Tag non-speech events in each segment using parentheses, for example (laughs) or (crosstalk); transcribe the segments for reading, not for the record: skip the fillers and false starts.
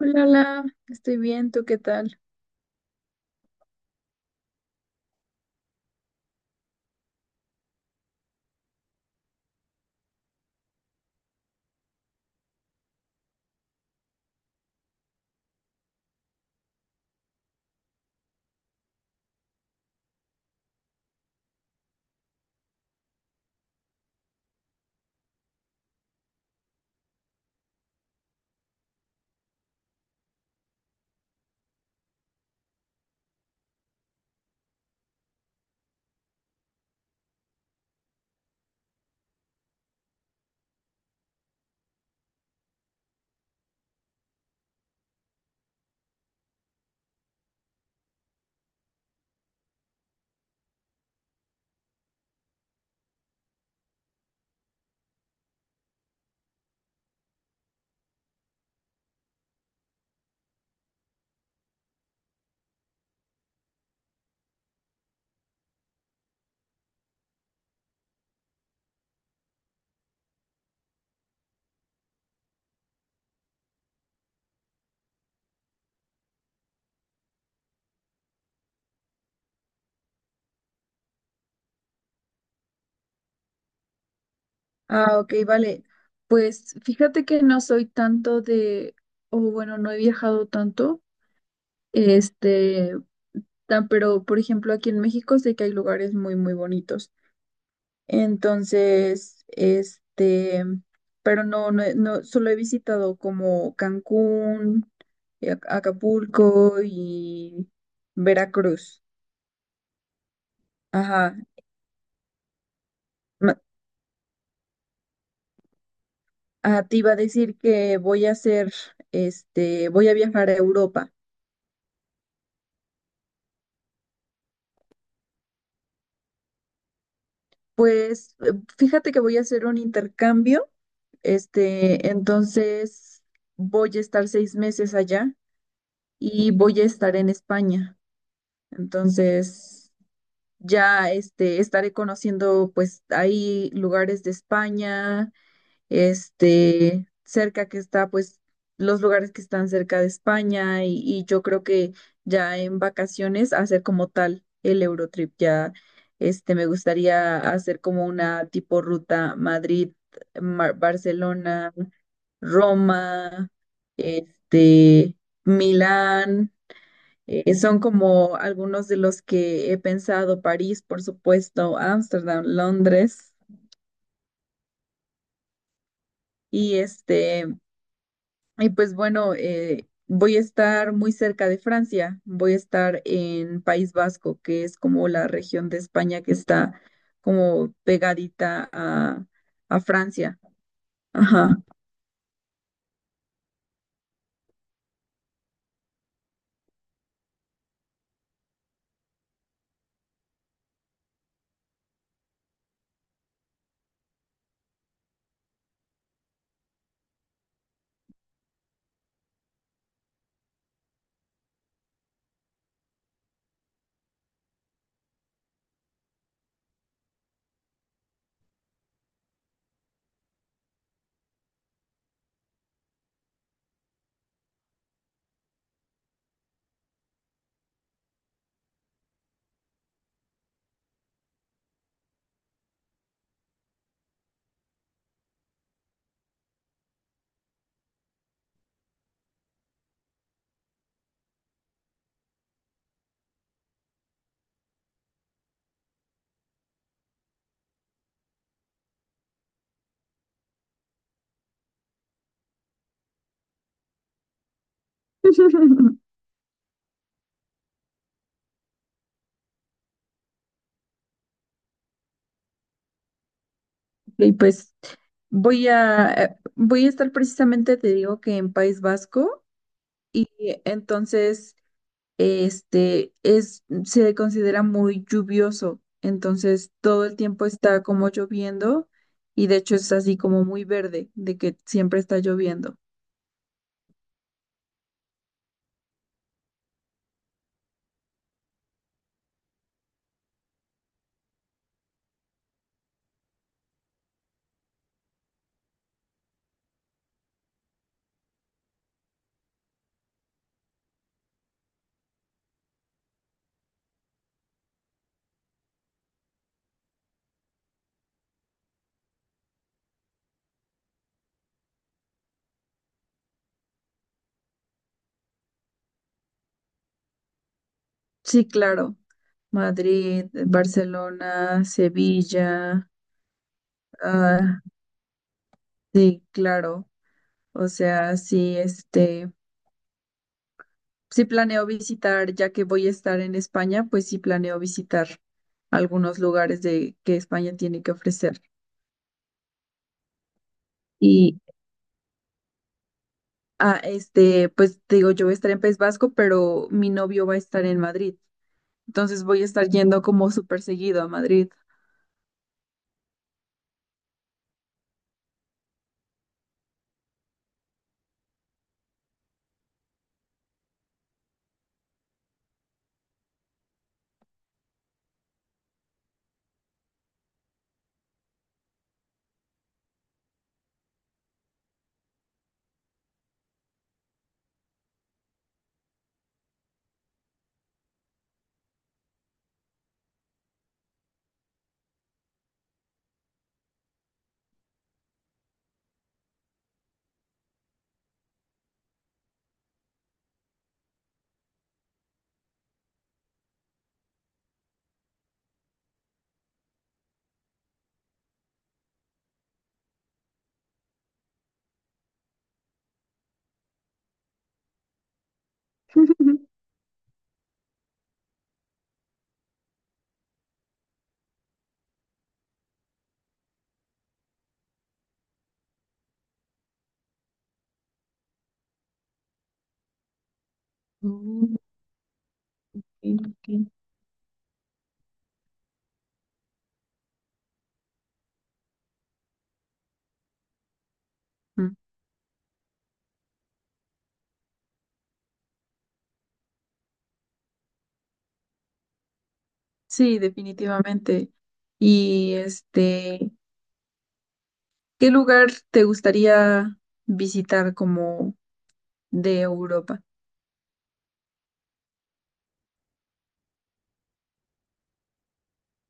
Hola, estoy bien, ¿tú qué tal? Ah, ok, vale. Pues fíjate que no soy tanto de, o bueno, no he viajado tanto, este, pero por ejemplo aquí en México sé que hay lugares muy, muy bonitos. Entonces, pero no, solo he visitado como Cancún, Acapulco y Veracruz. Ajá. Ah, te iba a decir que voy a viajar a Europa. Pues fíjate que voy a hacer un intercambio, entonces voy a estar 6 meses allá y voy a estar en España. Entonces ya, estaré conociendo pues ahí lugares de España, cerca que está, pues, los lugares que están cerca de España y yo creo que ya en vacaciones hacer como tal el Eurotrip, ya, me gustaría hacer como una tipo ruta Madrid, Barcelona, Roma, este, Milán. Son como algunos de los que he pensado, París, por supuesto, Ámsterdam, Londres, y pues bueno, voy a estar muy cerca de Francia, voy a estar en País Vasco, que es como la región de España que está como pegadita a Francia. Ajá. (laughs) Y pues voy a estar precisamente, te digo que en País Vasco, entonces... se considera muy lluvioso, entonces todo el tiempo está como lloviendo y de hecho es así como muy verde, de que siempre está lloviendo. Sí, claro, Madrid, Barcelona, Sevilla, ah, sí, claro, o sea, sí, Si planeo visitar, ya que voy a estar en España, pues sí planeo visitar algunos lugares de que España tiene que ofrecer. Y pues te digo, yo voy a estar en País Vasco, pero mi novio va a estar en Madrid. Entonces voy a estar yendo como súper seguido a Madrid. (laughs) Mm, ok, ok. Mm, sí, definitivamente. Y ¿qué lugar te gustaría visitar como de Europa?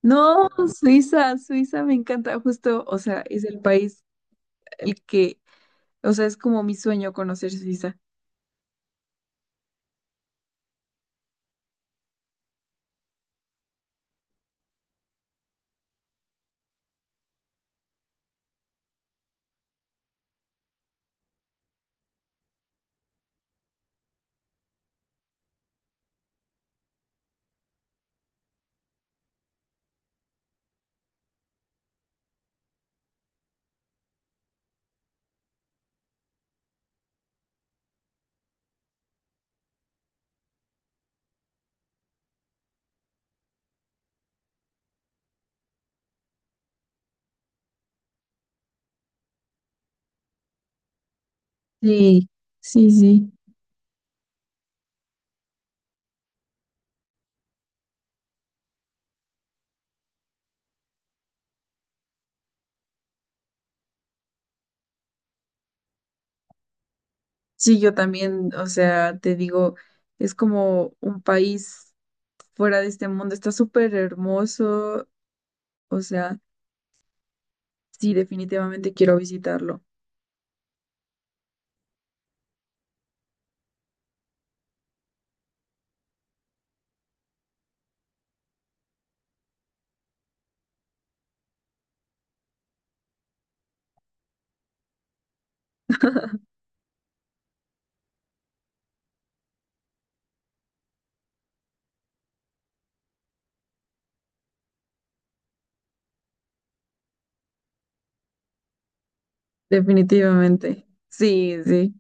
No, Suiza, Suiza me encanta, justo, o sea, es el país el que, o sea, es como mi sueño conocer Suiza. Sí, sí, sí. Sí, yo también, o sea, te digo, es como un país fuera de este mundo, está súper hermoso, o sea, sí, definitivamente quiero visitarlo, definitivamente. Sí, sí.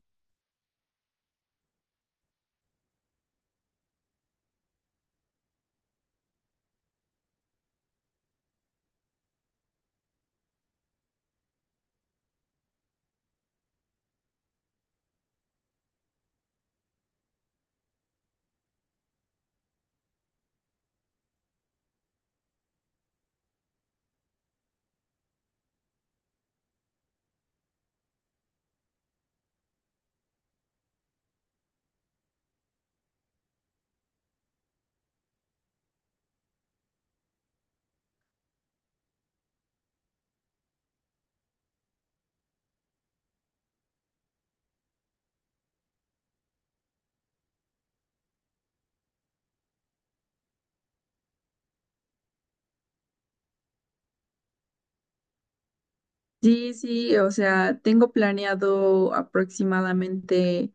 Sí, sí, o sea, tengo planeado aproximadamente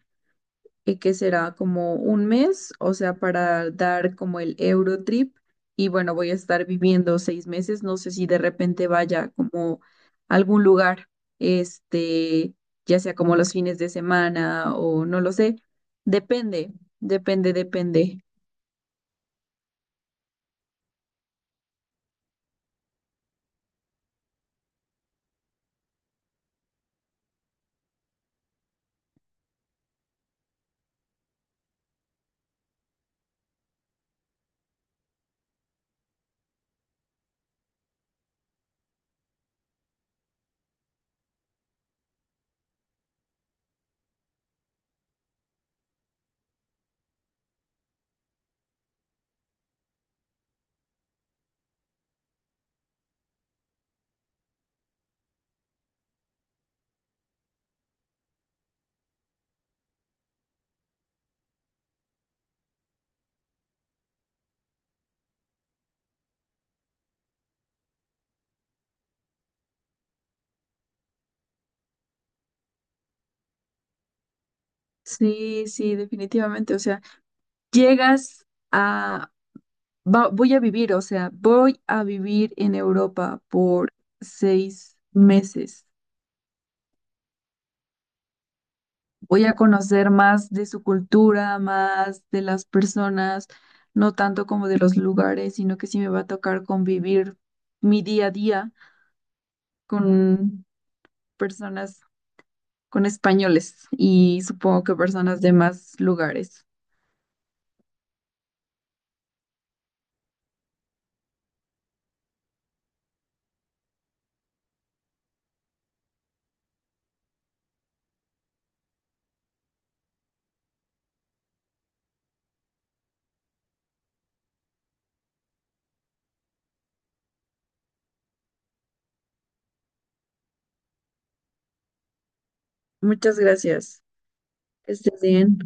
que será como 1 mes, o sea, para dar como el Eurotrip y bueno, voy a estar viviendo 6 meses, no sé si de repente vaya como a algún lugar, este, ya sea como los fines de semana o no lo sé, depende, depende, depende. Sí, sí, definitivamente, o sea, llegas a voy a vivir, o sea, voy a vivir en Europa por 6 meses. Voy a conocer más de su cultura, más de las personas, no tanto como de los lugares, sino que sí me va a tocar convivir mi día a día con personas, con españoles y supongo que personas de más lugares. Muchas gracias. Que estés bien.